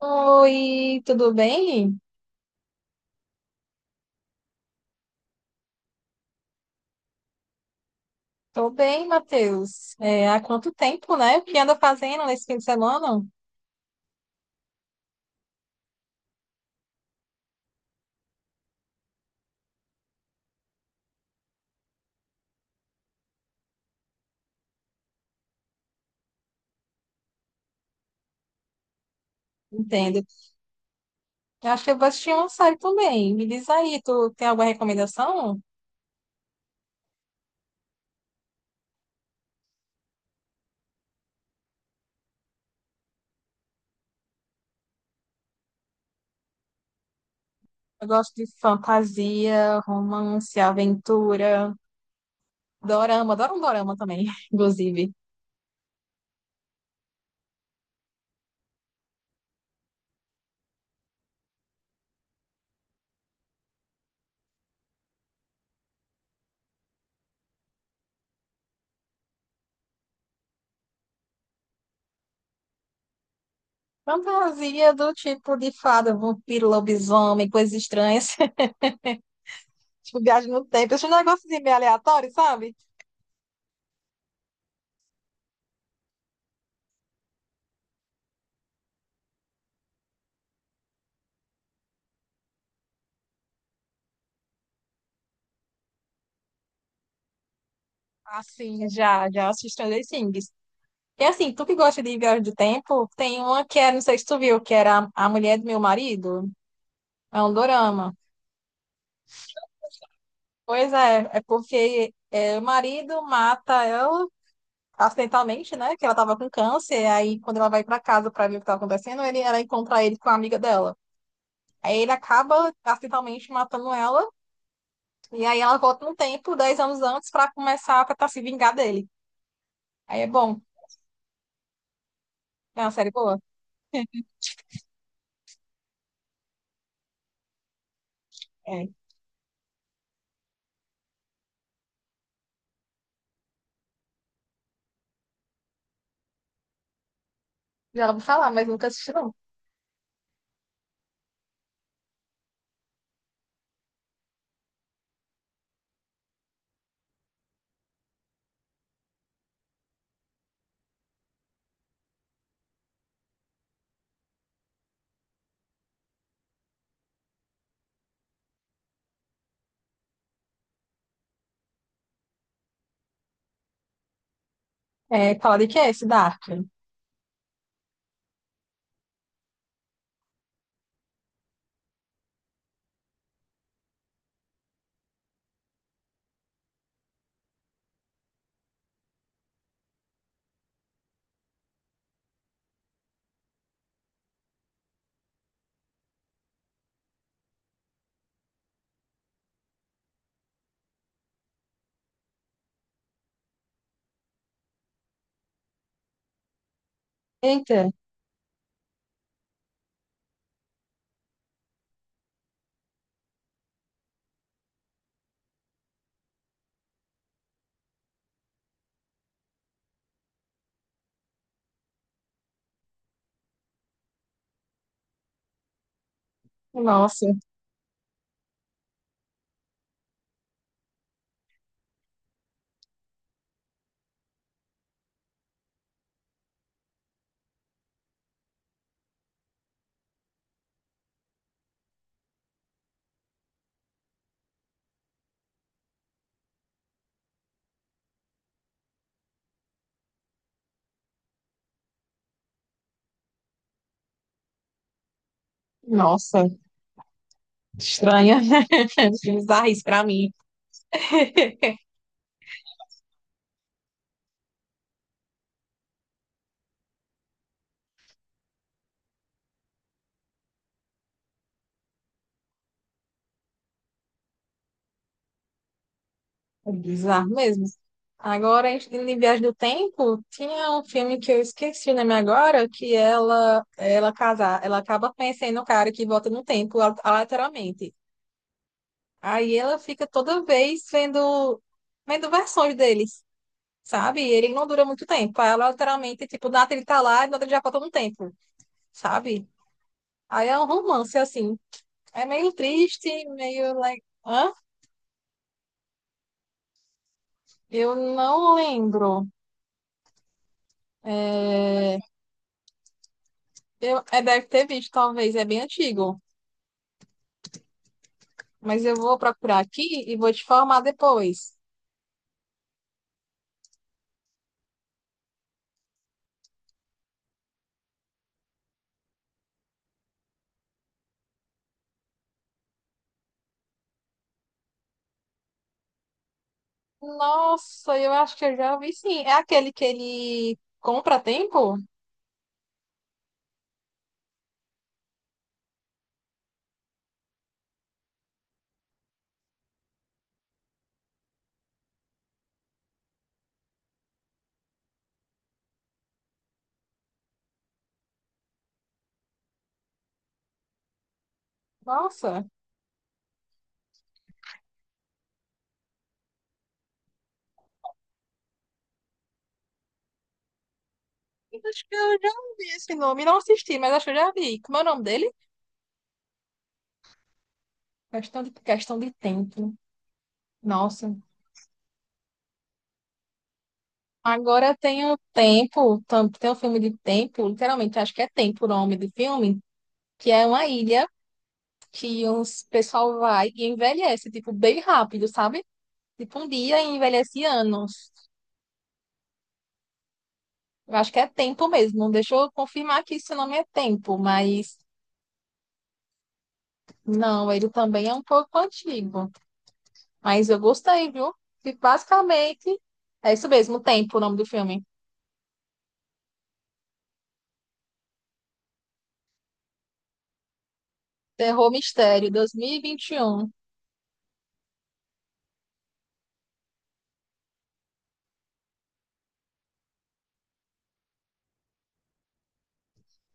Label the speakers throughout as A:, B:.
A: Oi, tudo bem? Tô bem, Matheus. É, há quanto tempo, né? O que anda fazendo nesse fim de semana? Entendo. Eu acho que eu vou assistir uma série também. Me diz aí, tu tem alguma recomendação? Eu gosto de fantasia, romance, aventura, dorama. Adoro um dorama também, inclusive. Fantasia do tipo de fada, vampiro, lobisomem, coisas estranhas. Tipo, viagem no tempo. Esses negócios meio aleatórios, sabe? Assim, já assisti Stranger Things. E assim, tu que gosta de viagem de tempo, tem uma que é, não sei se tu viu, que era A Mulher do Meu Marido. É um dorama. Pois é, o marido mata ela acidentalmente, né? Que ela tava com câncer. Aí, quando ela vai pra casa pra ver o que tá acontecendo, ela encontra ele com a amiga dela. Aí ele acaba acidentalmente matando ela. E aí ela volta no tempo, 10 anos antes, pra começar a tentar se vingar dele. Aí é bom. É uma série boa. É. Já vou falar, mas nunca assisti, não. É, fala de que é esse Dark? Eita. Nossa, nossa, estranha. Bizarrice pra mim. É bizarro mesmo. Agora, em Viagem do Tempo, tinha um filme que eu esqueci o nome agora, que ela acaba conhecendo um cara que volta no tempo, ela literalmente. Aí ela fica toda vez vendo, vendo versões deles, sabe? E Ele não dura muito tempo. Aí ela literalmente, tipo, nada ele tá lá e nada ele já volta no tempo, sabe? Aí é um romance, assim. É meio triste, meio like. Eu não lembro. Eu, é, deve ter visto, talvez, é bem antigo. Mas eu vou procurar aqui e vou te formar depois. Nossa, eu acho que eu já ouvi sim. É aquele que ele compra a tempo? Nossa, eu acho que eu já ouvi esse nome. Não assisti, mas acho que eu já vi. Como é o nome dele? Questão de tempo. Nossa. Agora tem um tempo, tem um filme de tempo, literalmente, acho que é tempo o nome do filme, que é uma ilha. Que uns pessoal vai e envelhece, tipo, bem rápido, sabe? Tipo, um dia e envelhece anos. Eu acho que é tempo mesmo. Deixa eu confirmar que isso não é tempo, mas não, ele também é um pouco antigo. Mas eu gostei, viu? E basicamente, é isso mesmo, tempo, o nome do filme. Terror Mistério, 2021.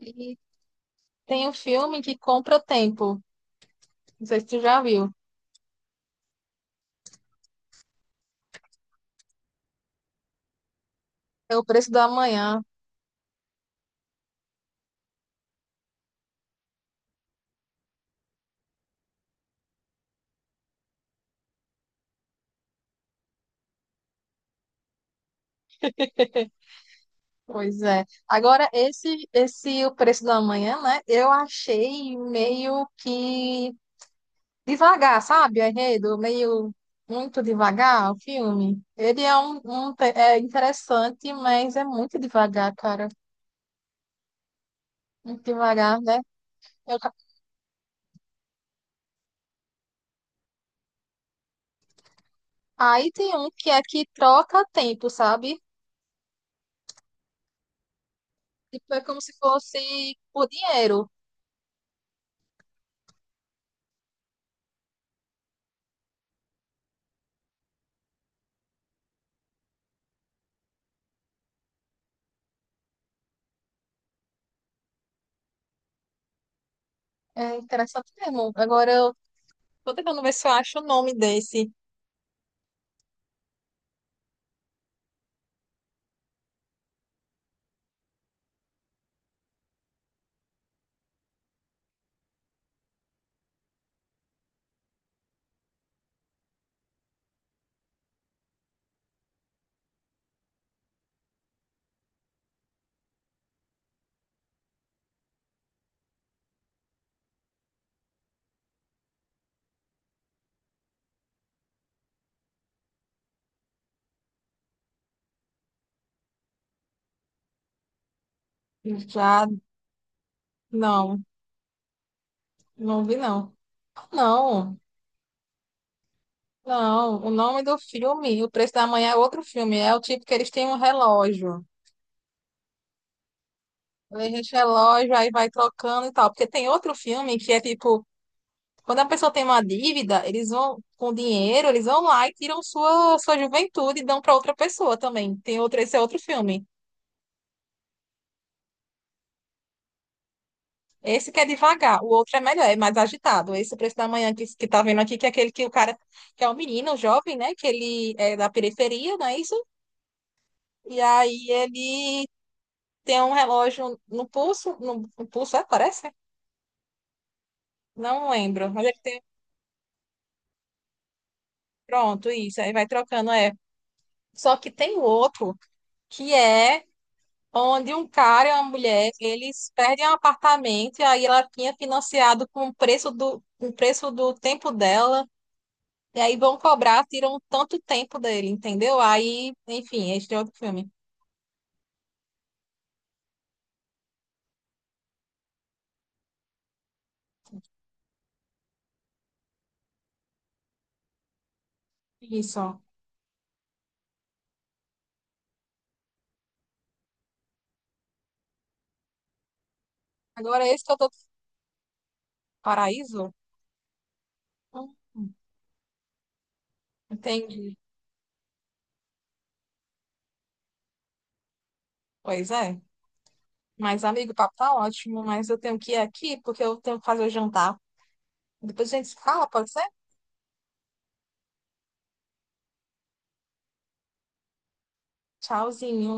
A: E 21. E tem um filme que compra tempo. Não sei se tu já viu. É o preço da manhã. Pois é. Agora, esse O Preço da Manhã, né? Eu achei meio que devagar, sabe? O enredo, meio muito devagar o filme. Ele é um é interessante, mas é muito devagar, cara. Muito devagar, né? Eu ca- Aí tem um que é que troca tempo, sabe? Tipo, é como se fosse por dinheiro. É interessante mesmo. Agora, eu tô tentando ver se eu acho o nome desse. Já, não. Não vi, não. Não, não. O nome do filme, O Preço da Manhã é outro filme. É o tipo que eles têm um relógio. Eles relógio, aí vai trocando e tal. Porque tem outro filme que é tipo, quando a pessoa tem uma dívida, eles vão com dinheiro, eles vão lá e tiram sua juventude e dão para outra pessoa também. Tem outro, esse é outro filme. Esse que é devagar, o outro é melhor, é mais agitado. Esse O Preço da Manhã que tá vendo aqui, que é aquele que o cara, que é o menino, o jovem, né? Que ele é da periferia, não é isso? E aí ele tem um relógio no pulso, no pulso, é, parece? Não lembro, mas ele tem, pronto, isso, aí vai trocando, é. Só que tem o outro, que é onde um cara e uma mulher, eles perdem um apartamento, e aí ela tinha financiado com o preço do, com o preço do tempo dela, e aí vão cobrar, tiram tanto tempo dele, entendeu? Aí, enfim, este é outro filme. Isso. Agora esse que eu tô... Paraíso? Hum, entendi. Pois é. Mas, amigo, o papo tá ótimo, mas eu tenho que ir aqui porque eu tenho que fazer o jantar. Depois a gente se fala, pode ser? Tchauzinho.